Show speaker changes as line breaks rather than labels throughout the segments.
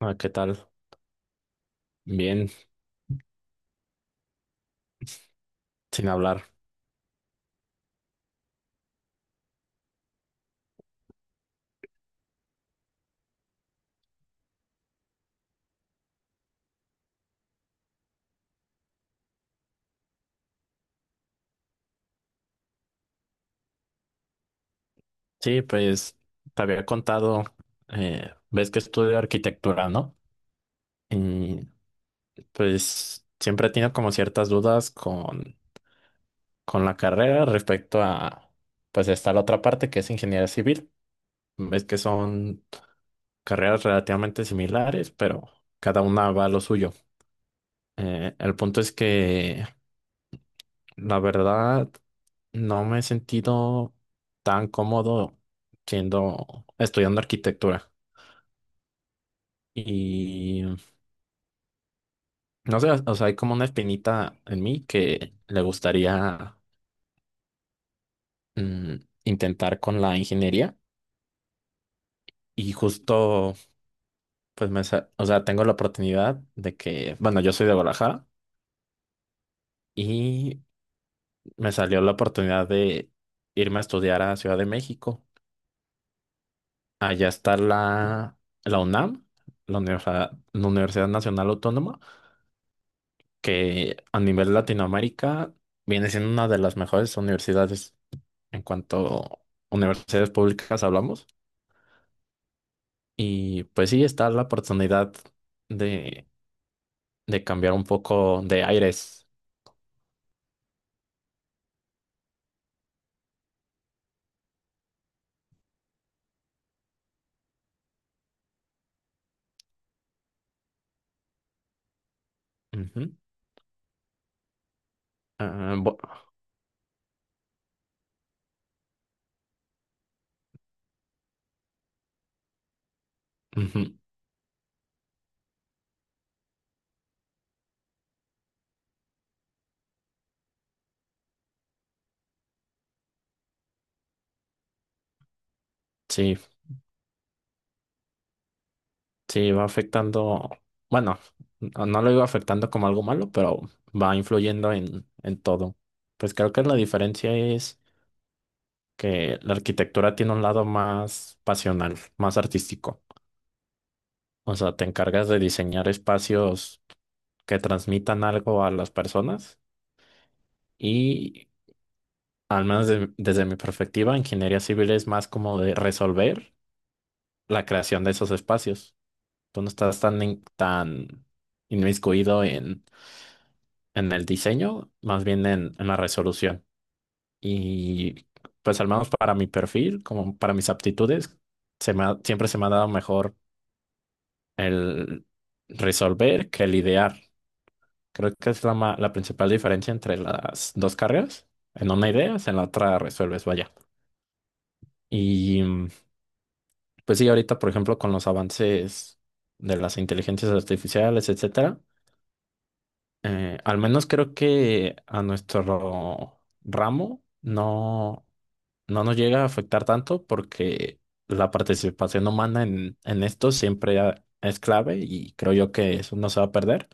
Ah, ¿qué tal? Bien, sin hablar. Sí, pues te había contado, ves que estudio arquitectura, ¿no? Y pues siempre he tenido como ciertas dudas con la carrera respecto a, pues está la otra parte que es ingeniería civil. Ves que son carreras relativamente similares, pero cada una va a lo suyo. El punto es que la verdad no me he sentido tan cómodo siendo estudiando arquitectura. Y no sé, o sea, hay como una espinita en mí que le gustaría mm, intentar con la ingeniería. Y justo, o sea, tengo la oportunidad de que, bueno, yo soy de Guadalajara y me salió la oportunidad de irme a estudiar a Ciudad de México. Allá está la UNAM, la Universidad Nacional Autónoma, que a nivel Latinoamérica viene siendo una de las mejores universidades en cuanto a universidades públicas hablamos. Y pues sí, está la oportunidad de, de cambiar un poco de aires. Ujú. Ah, ujú. Sí, sí, va afectando, bueno, no lo digo afectando como algo malo, pero va influyendo en todo. Pues creo que la diferencia es que la arquitectura tiene un lado más pasional, más artístico. O sea, te encargas de diseñar espacios que transmitan algo a las personas y, al menos desde mi perspectiva, ingeniería civil es más como de resolver la creación de esos espacios. Tú no estás tan, tan inmiscuido en el diseño, más bien en la resolución. Y pues al menos para mi perfil, como para mis aptitudes, siempre se me ha dado mejor el resolver que el idear. Creo que es la principal diferencia entre las dos carreras. En una ideas, en la otra resuelves, vaya. Y pues sí, ahorita, por ejemplo, con los avances de las inteligencias artificiales, etcétera, al menos creo que a nuestro ramo no. No nos llega a afectar tanto porque la participación humana en esto siempre es clave y creo yo que eso no se va a perder.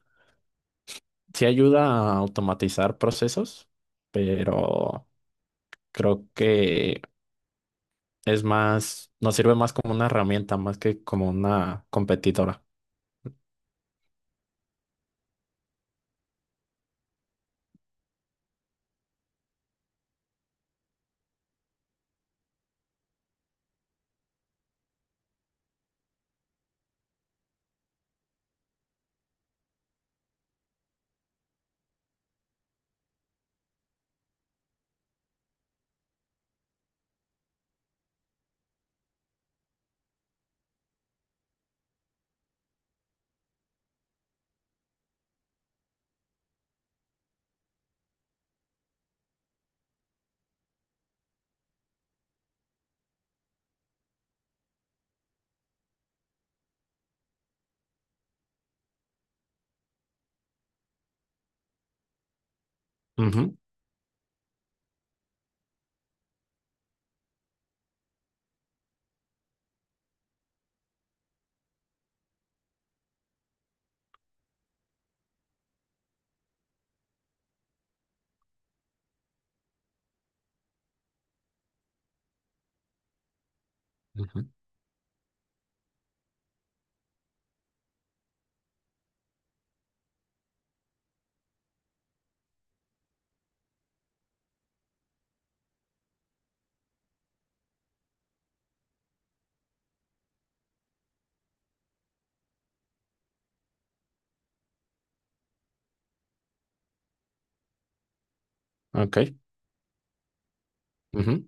Sí ayuda a automatizar procesos, pero creo que es más, nos sirve más como una herramienta, más que como una competidora. Ujú, ujú. Ok. Ujú.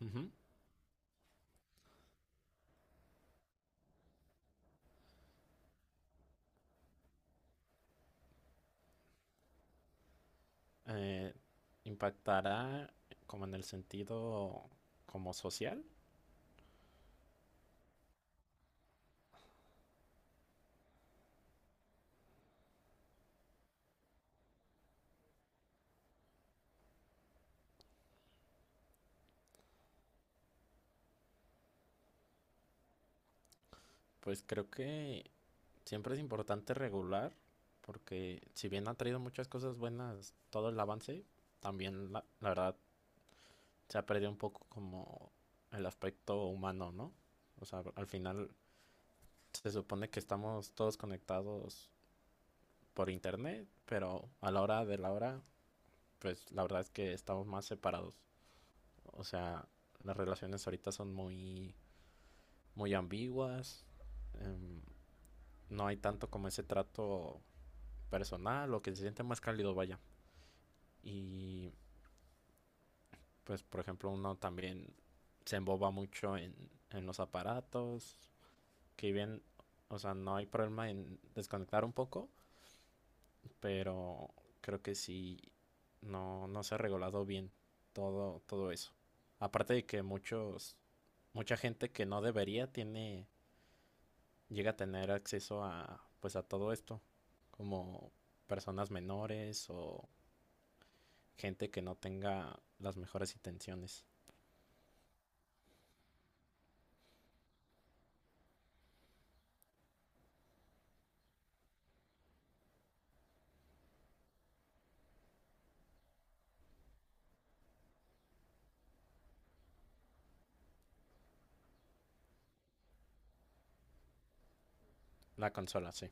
Ujú. Eh, ¿Impactará como en el sentido como social? Pues creo que siempre es importante regular, porque si bien ha traído muchas cosas buenas todo el avance, también la verdad se ha perdido un poco como el aspecto humano, ¿no? O sea, al final se supone que estamos todos conectados por internet, pero a la hora de la hora, pues la verdad es que estamos más separados. O sea, las relaciones ahorita son muy, muy ambiguas, em, no hay tanto como ese trato personal o que se siente más cálido, vaya. Y pues, por ejemplo, uno también se emboba mucho en los aparatos, que bien, o sea, no hay problema en desconectar un poco, pero creo que sí no, no se ha regulado bien todo, todo eso. Aparte de que mucha gente que no debería tiene, llega a tener acceso a, pues a todo esto, como personas menores o gente que no tenga las mejores intenciones. La consola, sí.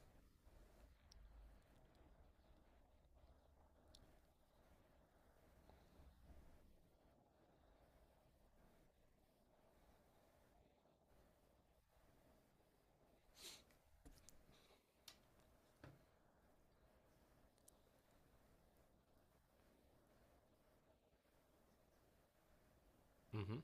Ujú.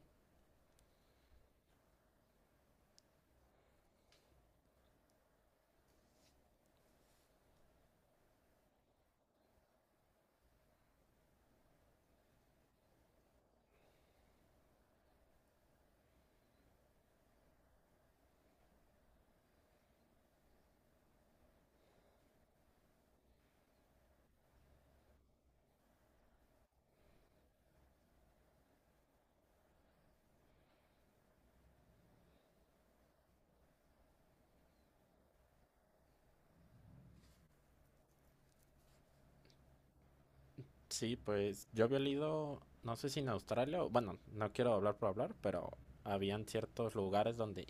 Sí, pues yo había leído, no sé si en Australia, bueno, no quiero hablar por hablar, pero habían ciertos lugares donde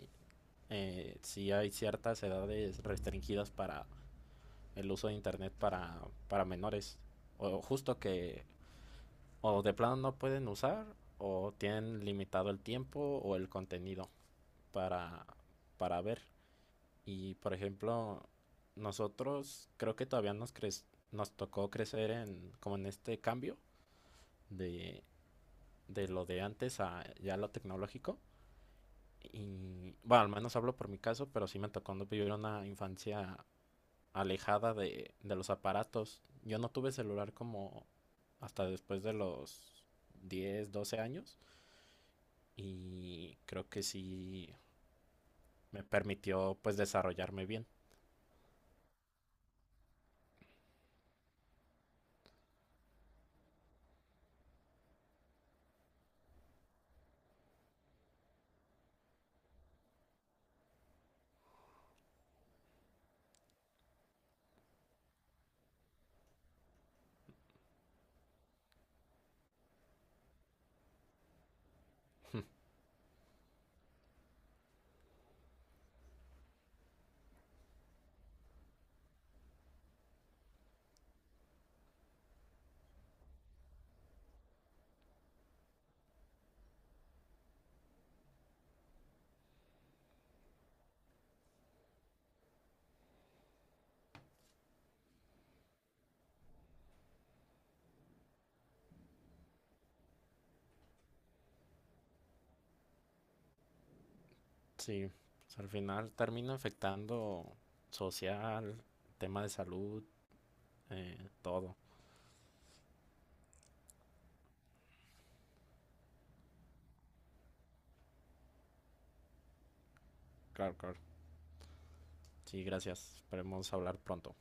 sí hay ciertas edades restringidas para el uso de internet para menores. O justo que o de plano no pueden usar o tienen limitado el tiempo o el contenido para, para ver. Y por ejemplo, nosotros creo que todavía nos tocó crecer en como en este cambio de, de lo de antes a ya lo tecnológico. Y bueno, al menos hablo por mi caso, pero sí me tocó no vivir una infancia alejada de los aparatos. Yo no tuve celular como hasta después de los 10 12 años y creo que sí me permitió pues desarrollarme bien. Sí, o sea, al final termina afectando social, tema de salud, todo. Claro, claro. Sí, gracias. Esperemos hablar pronto.